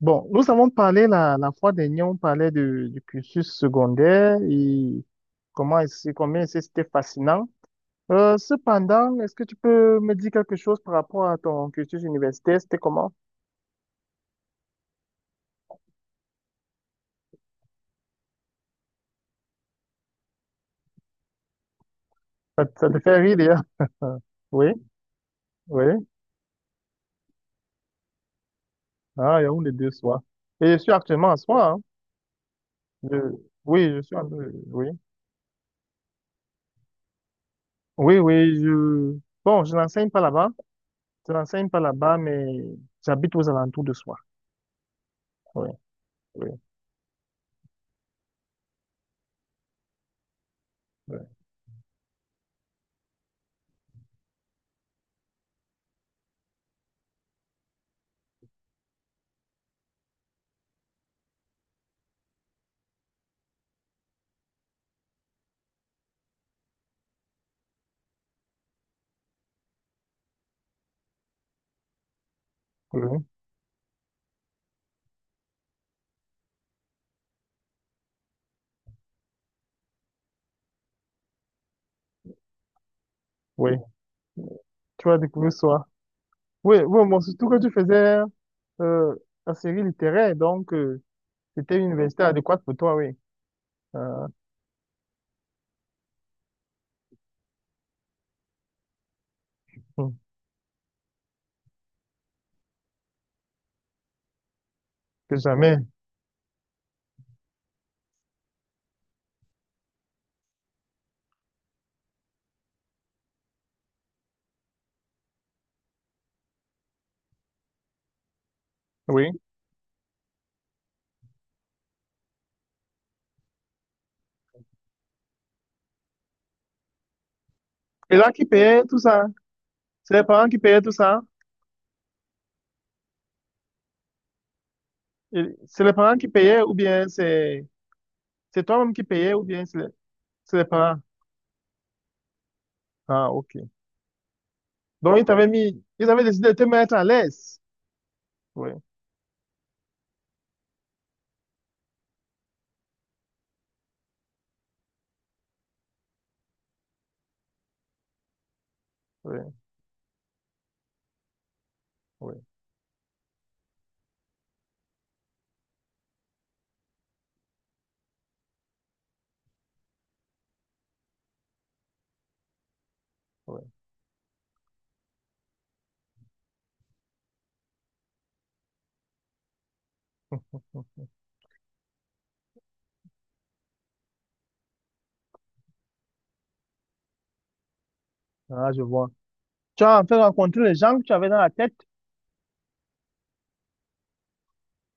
Bon, nous avons parlé la fois dernière, on parlait du cursus secondaire et comment est-ce, combien est-ce que c'était fascinant. Cependant, est-ce que tu peux me dire quelque chose par rapport à ton cursus universitaire? C'était comment? Ça te fait rire, d'ailleurs. Oui, oui. Ah, il y a une des deux soirs. Et je suis actuellement à soi, hein. Je- oui, je suis en... Oui, oui, oui. Bon, je n'enseigne pas là-bas. Je n'enseigne pas là-bas, mais j'habite aux alentours de soi. Oui, oui, oui, oui, oui. Tu vas découvrir soi. Oui, oui, moi, surtout que tu faisais euh, la série littéraire, donc c'était une université adéquate pour toi, oui. Euh, hum, que jamais, oui. Et là, qui payait tout ça? C'est les parents qui payaient tout ça? Et c'est les parents qui payaient ou bien c'est toi-même qui payais ou bien c'est les parents? Ah, ok. Donc, ils avaient décidé de te mettre à l'aise. Oui, oui, oui, oui. Ah, je vois. Tu as en fait rencontré les gens que tu avais dans la tête.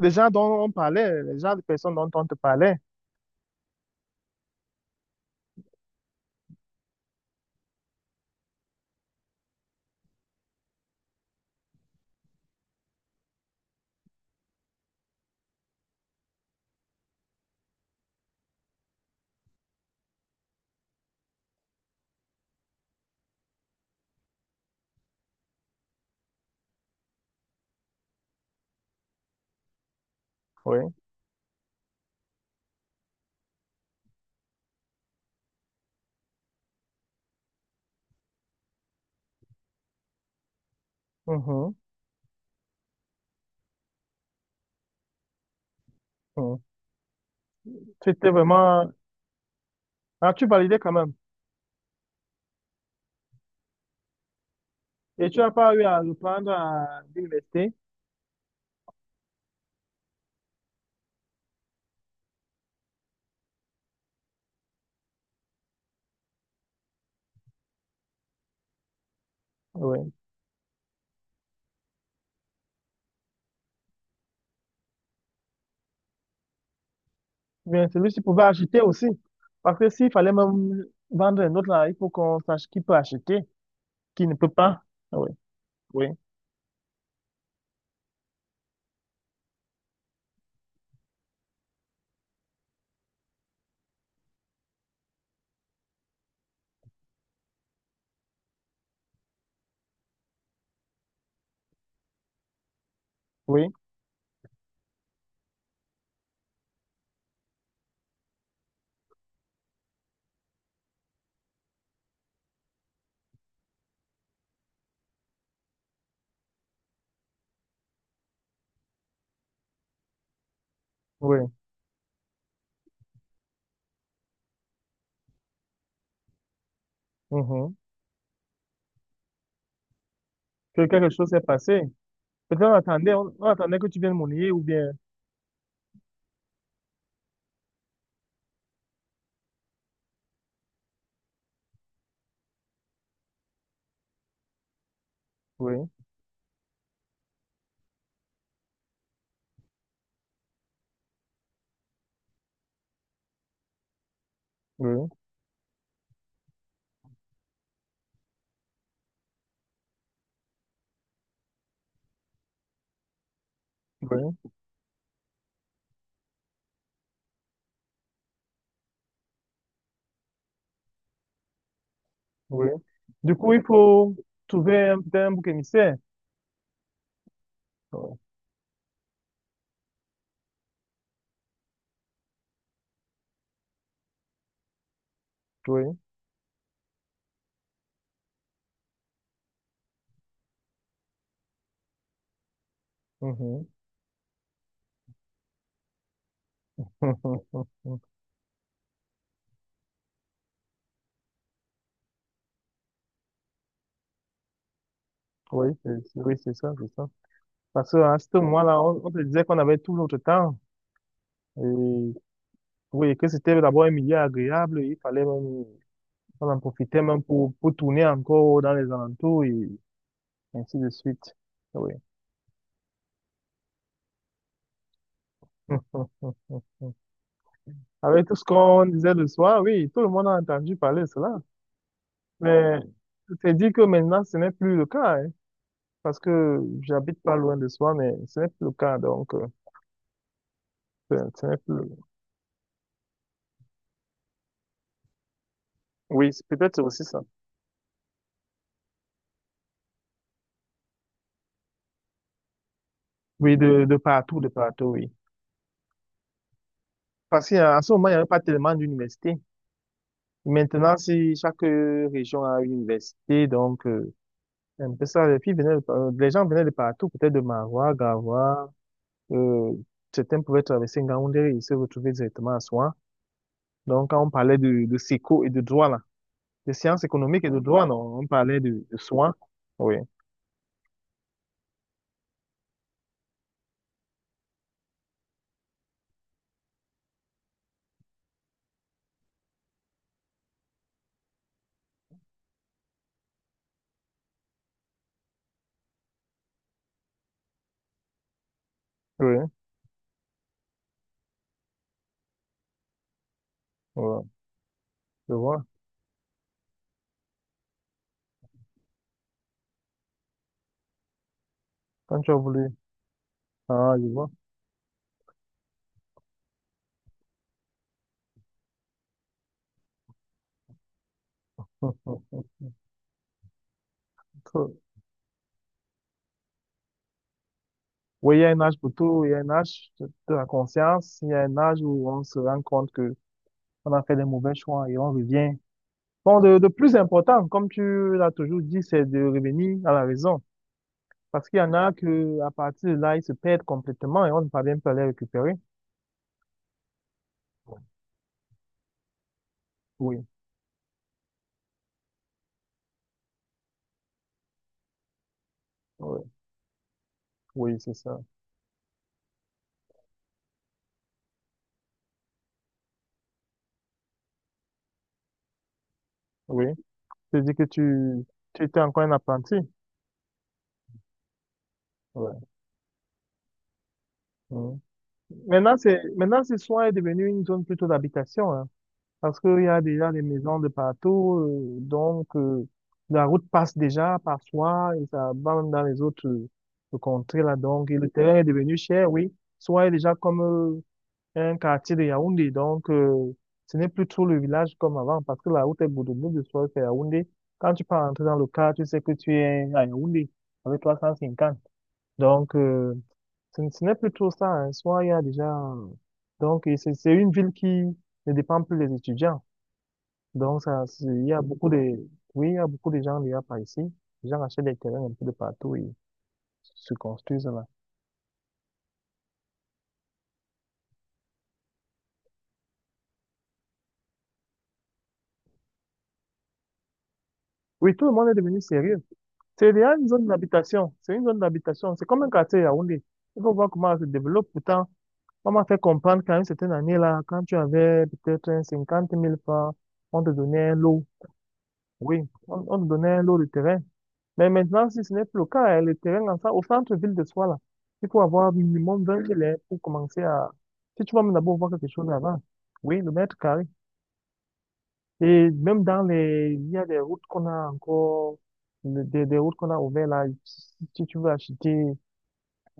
Les gens dont on parlait, les gens, les personnes dont on te parlait. Oui. Mhm. Mhm. C'était vraiment... Ah, tu validais quand même. Et tu n'as pas eu à reprendre à l'université? Oui. Bien, celui-ci pouvait acheter aussi. Parce que s'il fallait même vendre un autre, là, il faut qu'on sache qui peut acheter, qui ne peut pas. Ah, oui, oui, oui, oui. Mhm. Que quelque chose s'est passé. Peut-être on attendait, on attendait que tu viennes monnayer ou bien. Oui, oui, oui, oui. Du coup, il faut trouver un, peut-être un bouc émissaire. Oui, oui. Mhm. Oui, oui, c'est ça, c'est ça. Parce qu'à ce moment-là, on te disait qu'on avait tout notre temps. Et oui, que c'était d'abord un milieu agréable, il fallait même, on en profitait même pour tourner encore dans les alentours et ainsi de suite. Oui. Avec tout ce qu'on disait le soir, oui, tout le monde a entendu parler de cela. Mais je t'ai dit que maintenant, ce n'est plus le cas, hein, parce que j'habite pas loin de soi, mais ce n'est plus le cas, donc, ce n'est plus... Oui, c'est peut-être aussi ça. Oui, de partout, de partout, oui. Parce qu'à ce moment, il n'y avait pas tellement d'universités. Maintenant, si chaque région a une université, donc c'est un peu ça, les filles venaient, les gens venaient de partout, peut-être de Marois, Garoua, euh, certains pouvaient traverser Ngaoundéré et se retrouver directement à Soin. Donc, quand on parlait de séco et de droit, là, de sciences économiques et de droit, non, on parlait de Soin. Oui. Oui, voilà, je vois. Quand tu as voulu. Ah, je vois. Oui, il y a un âge pour tout, il y a un âge de la conscience, il y a un âge où on se rend compte que on a fait des mauvais choix et on revient. Bon, de plus important, comme tu l'as toujours dit, c'est de revenir à la raison. Parce qu'il y en a que, à partir de là, ils se perdent complètement et on ne parvient pas à les récupérer. Oui, oui, oui, c'est ça. Oui. C'est-à-dire que tu étais encore un apprenti. Ouais. Mhm. Maintenant, maintenant, ce soir est devenu une zone plutôt d'habitation, hein. Parce qu'il y a déjà des maisons de partout, donc la route passe déjà parfois et ça va même dans les autres contrées là. Donc, et le terrain est devenu cher, oui. Soit il est déjà comme un quartier de Yaoundé, donc ce n'est plus trop le village comme avant parce que la route est bout de soit c'est Yaoundé. Quand tu peux rentrer dans le car, tu sais que tu es à Yaoundé avec 350. Donc, ce n'est plus trop ça, hein. Soit il y a déjà donc et c'est une ville qui ne dépend plus des étudiants. Donc, ça, il y a beaucoup de, oui, il y a beaucoup de gens déjà par ici. Les gens achètent des terrains un peu de partout et se construisent là. Oui, tout le monde est devenu sérieux. C'est déjà une zone d'habitation. C'est une zone d'habitation. C'est comme un quartier à Yaoundé. Il faut voir comment ça se développe. Pourtant, on m'a fait comprendre qu'à une certaine année là, quand tu avais peut-être un 50 000 francs, on te donnait un lot. Oui, on te donnait un lot de terrain. Mais maintenant, si ce n'est plus le cas, hein, le ça, au centre-ville de soi, là, il faut avoir minimum 20 000, hein, pour commencer à... Si tu vas même d'abord voir quelque chose avant, oui, le mètre carré. Et même dans les... Il y a des routes qu'on a encore, des routes qu'on a ouvertes là. Si tu veux acheter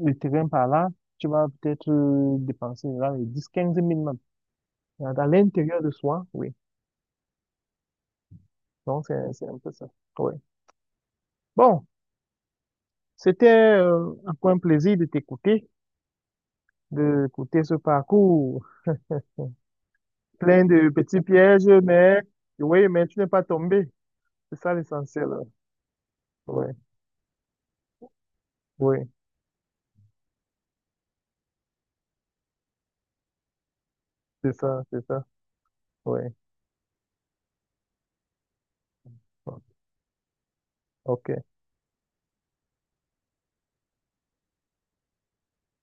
le terrain par là, tu vas peut-être dépenser là, les 10-15 000 même. Dans l'intérieur de soi, oui. Donc, c'est un peu ça. Oui. Bon, c'était encore un plaisir de t'écouter, de écouter ce parcours. Plein de petits pièges, mais oui, mais tu n'es pas tombé. C'est ça l'essentiel. Oui, oui, c'est ça, c'est ça. Oui, ok.